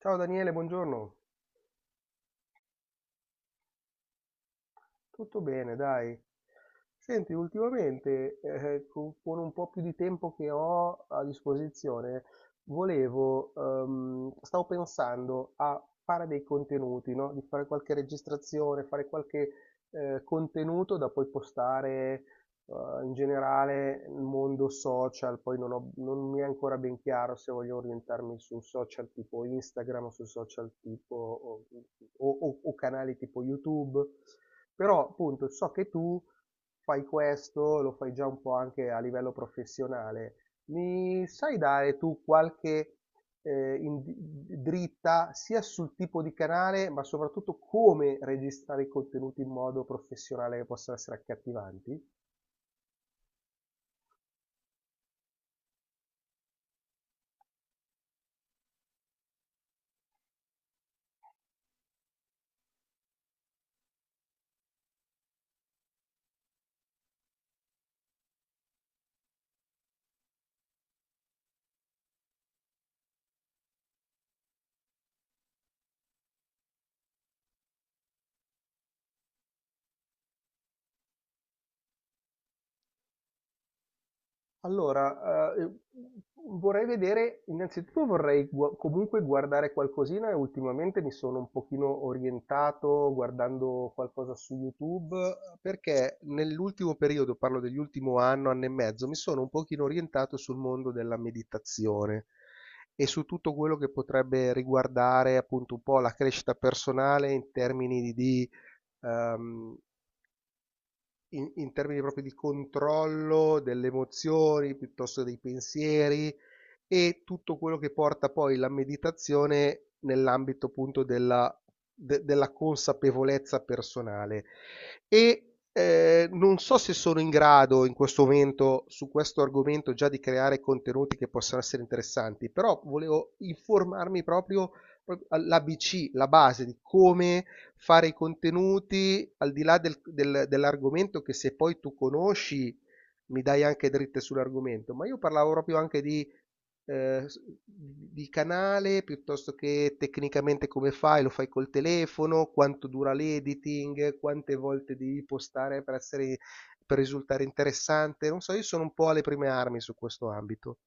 Ciao Daniele, buongiorno. Tutto bene, dai. Senti, ultimamente, con un po' più di tempo che ho a disposizione, volevo, stavo pensando a fare dei contenuti, no? Di fare qualche registrazione, fare qualche contenuto da poi postare, in generale nel mondo social. Poi non mi è ancora ben chiaro se voglio orientarmi su social tipo Instagram, su social tipo o canali tipo YouTube. Però appunto so che tu fai questo, lo fai già un po' anche a livello professionale. Mi sai dare tu qualche dritta sia sul tipo di canale, ma soprattutto come registrare i contenuti in modo professionale che possano essere accattivanti? Allora, vorrei vedere, innanzitutto comunque guardare qualcosina e ultimamente mi sono un pochino orientato guardando qualcosa su YouTube perché nell'ultimo periodo, parlo dell'ultimo anno, anno e mezzo, mi sono un pochino orientato sul mondo della meditazione e su tutto quello che potrebbe riguardare appunto un po' la crescita personale in termini di, ehm, in, in termini proprio di controllo delle emozioni, piuttosto dei pensieri e tutto quello che porta poi la meditazione nell'ambito appunto della consapevolezza personale. E non so se sono in grado in questo momento su questo argomento già di creare contenuti che possano essere interessanti, però volevo informarmi proprio l'ABC, la base di come fare i contenuti al di là dell'argomento che se poi tu conosci mi dai anche dritte sull'argomento, ma io parlavo proprio anche di canale piuttosto che tecnicamente come fai, lo fai col telefono, quanto dura l'editing, quante volte devi postare per risultare interessante. Non so, io sono un po' alle prime armi su questo ambito.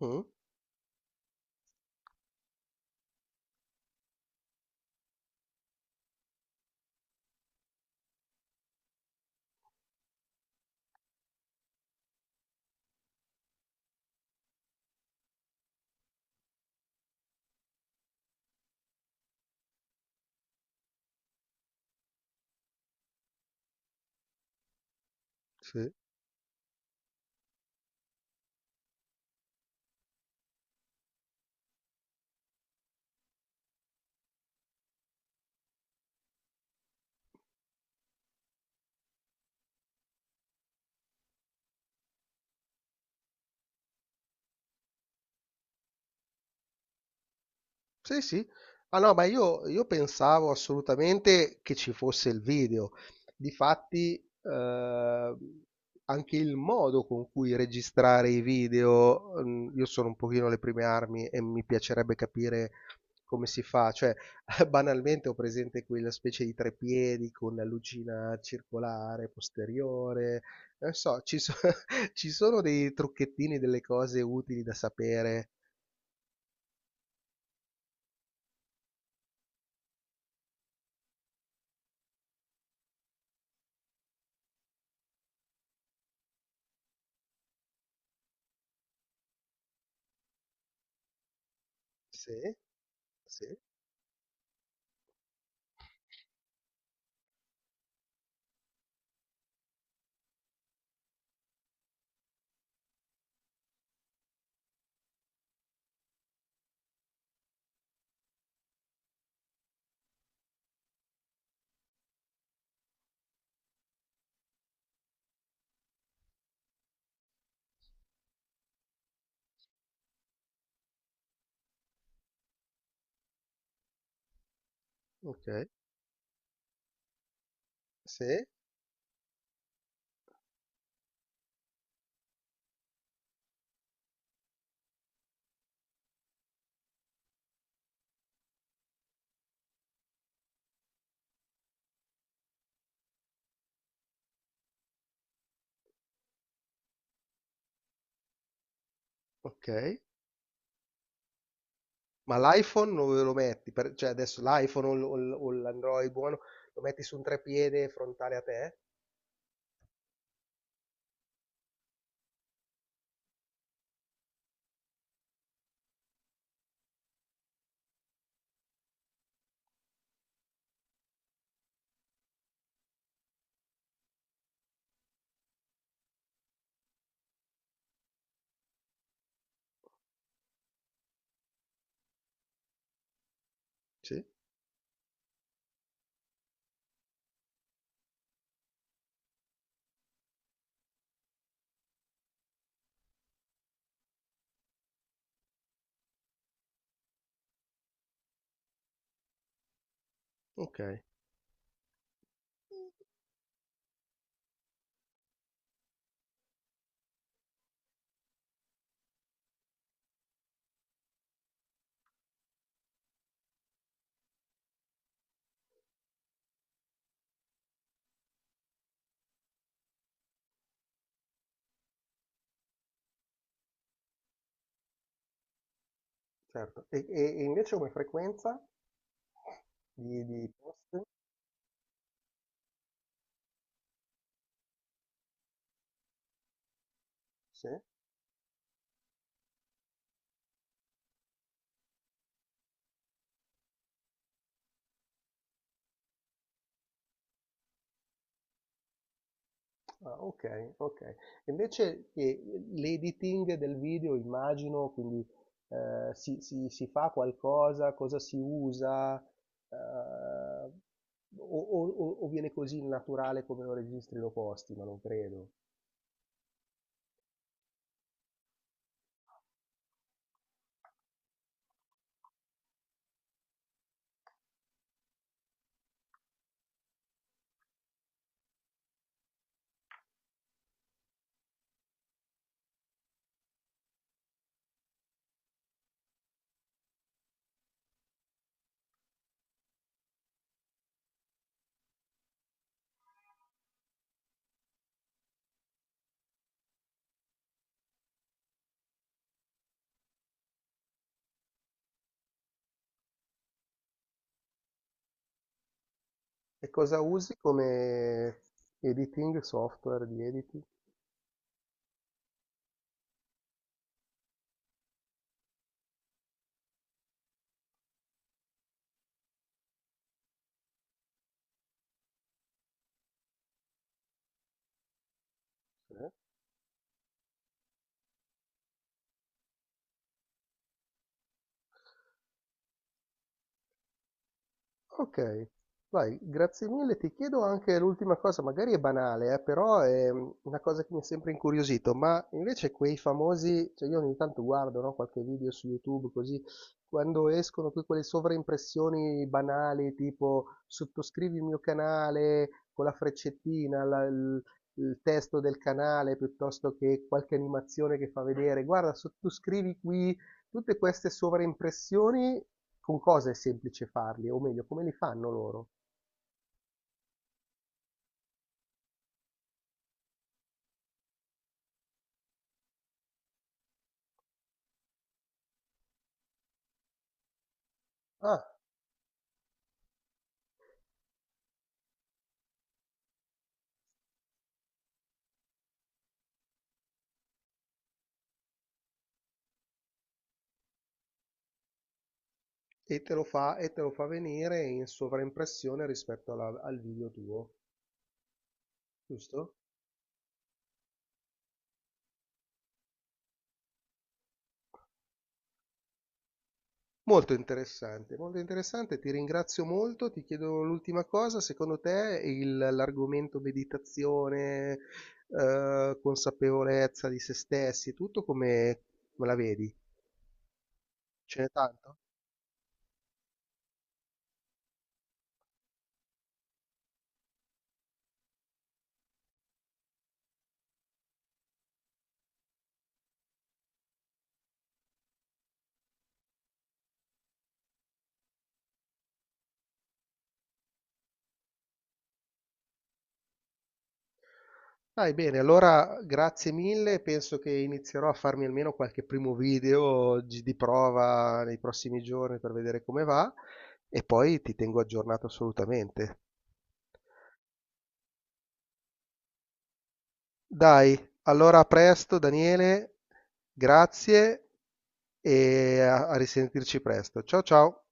Mm, sì. Sì, sì. Ah no, ma io pensavo assolutamente che ci fosse il video. Difatti, eh, anche il modo con cui registrare i video, mm, io sono un pochino alle prime armi e mi piacerebbe capire come si fa. Cioè, banalmente ho presente quella specie di treppiedi con la lucina circolare posteriore. Non so, ci sono dei trucchettini, delle cose utili da sapere. Sì, sì, ok. Sì, ok. Ma l'iPhone dove lo metti? Per- cioè adesso l'iPhone o l'Android buono, lo metti su un trepiede frontale a te? Sì. Ok. Certo, e, e invece come frequenza di post? Sì. Ah, ok, ok. Invece l'editing del video, immagino, quindi si fa qualcosa, cosa si usa, eh, o viene così naturale come lo registri e lo posti, ma non credo. E cosa usi come editing, software di editing? Ok, vai, grazie mille. Ti chiedo anche l'ultima cosa, magari è banale, però è mm, una cosa che mi ha sempre incuriosito, ma invece quei famosi, cioè io ogni tanto guardo, no, qualche video su YouTube così, quando escono poi quelle sovraimpressioni banali, tipo sottoscrivi il mio canale con la freccettina, il testo del canale, piuttosto che qualche animazione che fa vedere, guarda, sottoscrivi qui, tutte queste sovraimpressioni con cosa è semplice farli, o meglio, come li fanno loro. Ah, e te lo fa, e te lo fa venire in sovraimpressione rispetto al video tuo, giusto? Molto interessante, ti ringrazio molto, ti chiedo l'ultima cosa, secondo te l'argomento meditazione, consapevolezza di se stessi, tutto come, come la vedi? Ce n'è tanto? Dai, bene, allora grazie mille, penso che inizierò a farmi almeno qualche primo di prova nei prossimi giorni per vedere come va e poi ti tengo aggiornato assolutamente. Dai, allora a presto Daniele, grazie e a risentirci presto. Ciao ciao!